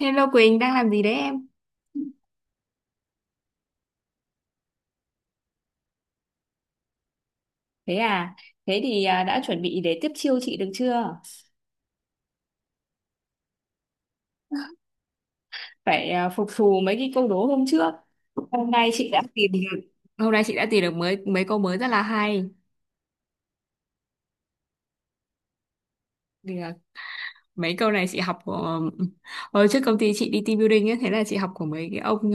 Hello Quỳnh, đang làm gì đấy em? Thế à, thế thì đã chuẩn bị để tiếp chiêu chị được chưa? Phải phục thù mấy cái câu đố hôm trước. Hôm nay chị đã tìm được. Hôm nay chị đã tìm được mới mấy câu mới rất là hay. Thì là mấy câu này chị học của hồi trước công ty chị đi team building ấy, thế là chị học của mấy cái ông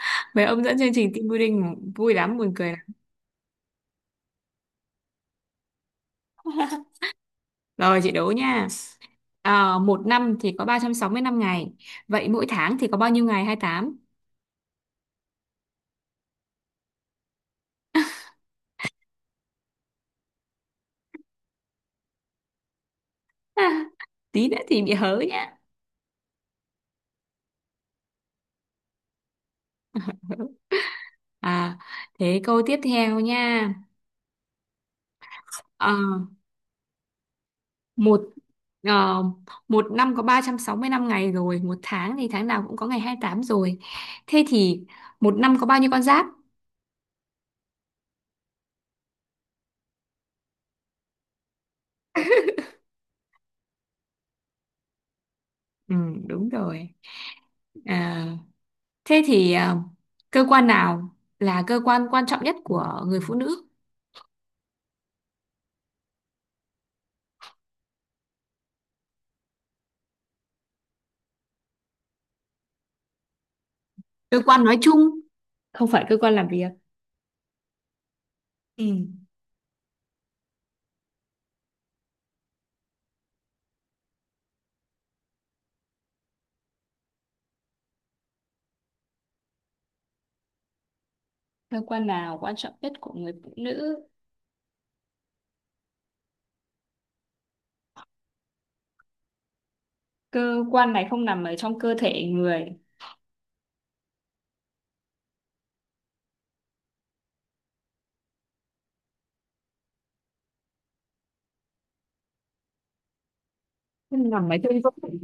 mấy ông dẫn chương trình team building mà vui lắm buồn cười lắm. Rồi chị đố nha. À, một năm thì có 365 ngày. Vậy mỗi tháng thì có bao nhiêu ngày? Hai mươi tám. Tí nữa thì bị hớ. À, thế câu tiếp theo nha. Ờ, một ờ, Một năm có 365 ngày rồi, một tháng thì tháng nào cũng có ngày 28 rồi. Thế thì một năm có bao nhiêu con giáp? Ừ, đúng rồi. À, thế thì cơ quan nào là cơ quan quan trọng nhất của người phụ nữ? Cơ quan nói chung, không phải cơ quan làm việc. Ừ. Cơ quan nào quan trọng nhất của người phụ nữ? Cơ quan này không nằm ở trong cơ thể người, không nằm ở trong cơ thể.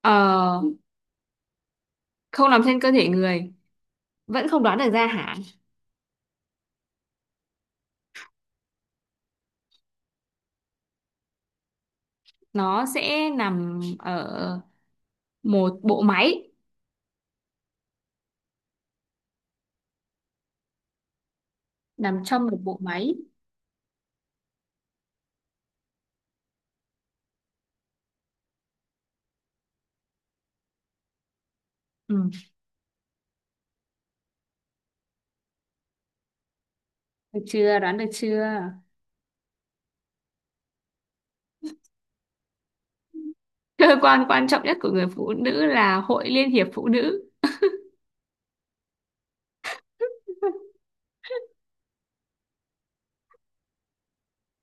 Ờ, không nằm trên cơ thể người vẫn không đoán được ra hả? Nó sẽ nằm ở một bộ máy, nằm trong một bộ máy. Ừ. Được chưa, đoán được chưa? Cơ quan quan trọng nhất của người phụ nữ là Hội Liên hiệp Phụ nữ.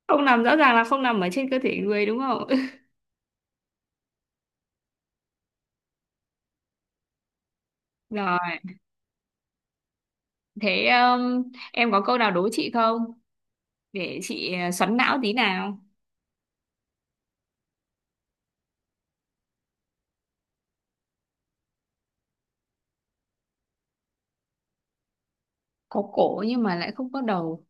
Không nằm rõ ràng là không nằm ở trên cơ thể người đúng không? Rồi, thế em có câu nào đố chị không, để chị xoắn não tí nào. Có cổ nhưng mà lại không có đầu?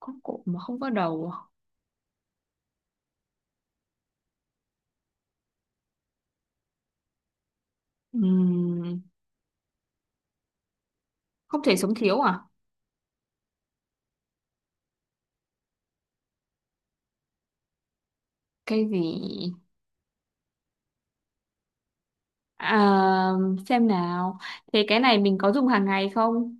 Có cổ mà không có đầu à? Ừm, không thể sống thiếu à? Cái gì? À, xem nào. Thế cái này mình có dùng hàng ngày không?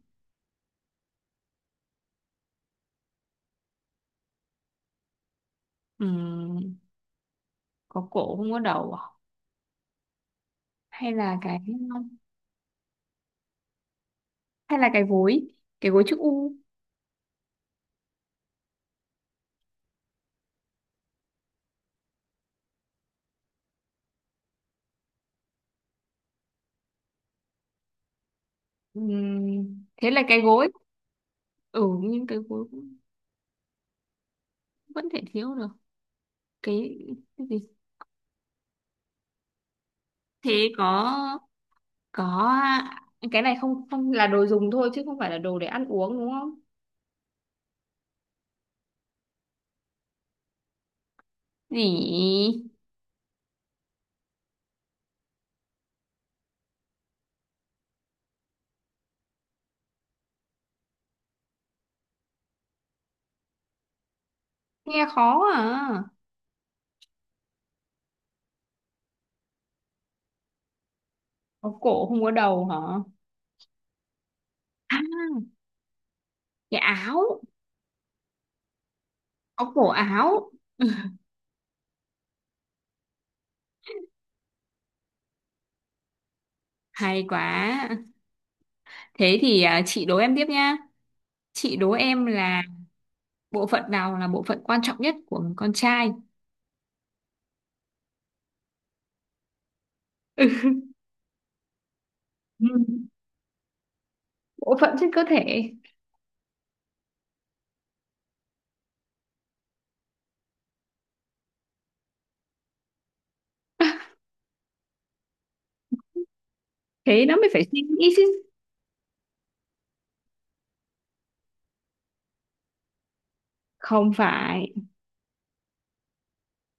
Ừm, có cổ không có đầu à? Hay là cái hay là cái gối, cái gối chữ U. Thế là cái gối. Ừ, nhưng cái gối cũng vẫn thể thiếu được. Cái, cái gì? Thế có cái này không không là đồ dùng thôi chứ không phải là đồ để ăn uống đúng không? Gì? Nghe khó à. Có cổ không có đầu hả? À, cái áo, có cổ áo. Hay quá. Thế thì chị đố em tiếp nhá. Chị đố em là bộ phận nào là bộ phận quan trọng nhất của người con trai? Ừ. Ừ, bộ phận trên cơ thể. Thế nó mới phải suy nghĩ chứ. Không phải.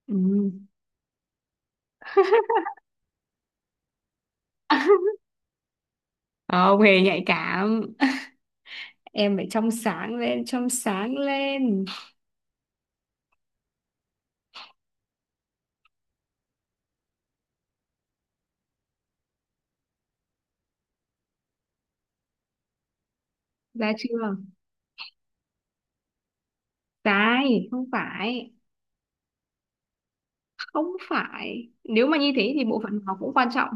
Ừ. Không hề nhạy cảm. Em phải trong sáng lên, trong sáng lên. Ra chưa? Sai, không phải. Không phải. Nếu mà như thế thì bộ phận nào cũng quan trọng.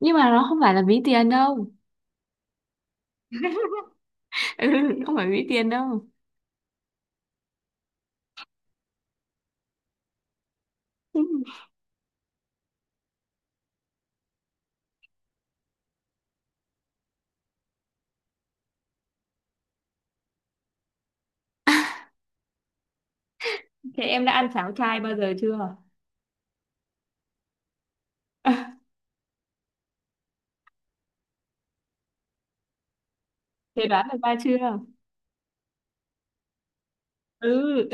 Nhưng mà nó không phải là ví tiền đâu. Ừ, không phải ví tiền đâu. Thế em đã ăn cháo chai bao giờ chưa? Thế đoán được ra chưa? Ừ,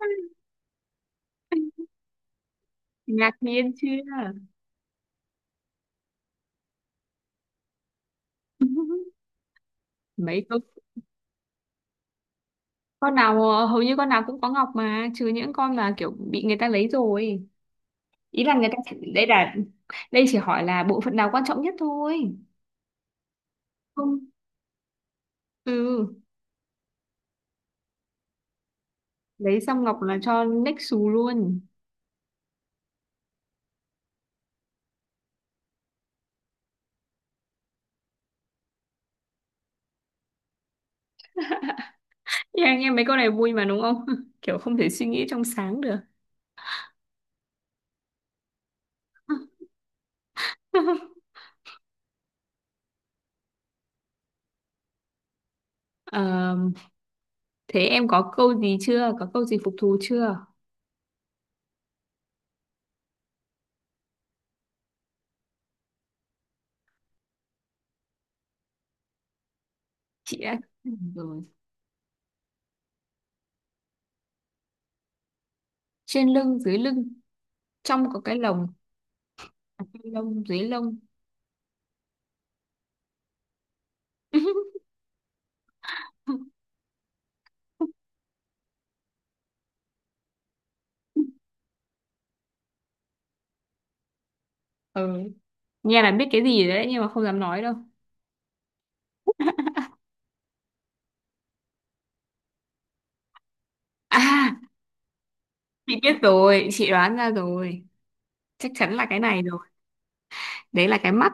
ngạc nhiên chưa? Mấy con, hầu như con nào cũng có ngọc mà, trừ những con mà kiểu bị người ta lấy rồi. Ý là người ta sẽ- đây là đây chỉ hỏi là bộ phận nào quan trọng nhất thôi. Không. Ừ, lấy xong ngọc là cho next xù luôn. Thì anh em mấy con này vui mà đúng không? Kiểu không thể suy nghĩ trong sáng được. Ờ, thế em có câu gì chưa? Có câu gì phục thù chưa? Chị đã rồi. Trên lưng dưới lưng, trong có cái lồng. À, trên lông dưới lông. Ừ. Nghe là biết cái gì rồi đấy nhưng mà không dám nói đâu. À, chị biết rồi, chị đoán ra rồi, chắc chắn là cái này rồi. Đấy là cái mắt.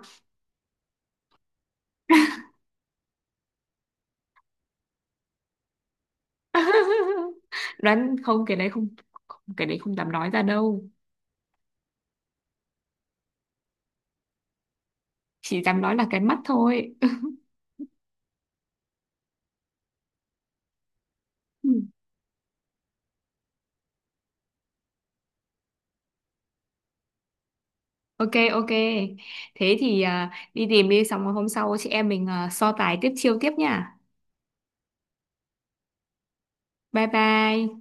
đoán không cái đấy không, không cái đấy không dám nói ra đâu. Chỉ dám nói là cái mắt thôi. Ừ. Ok ok, thế thì đi tìm đi, xong rồi hôm sau chị em mình so tài tiếp chiêu tiếp nha. Bye bye.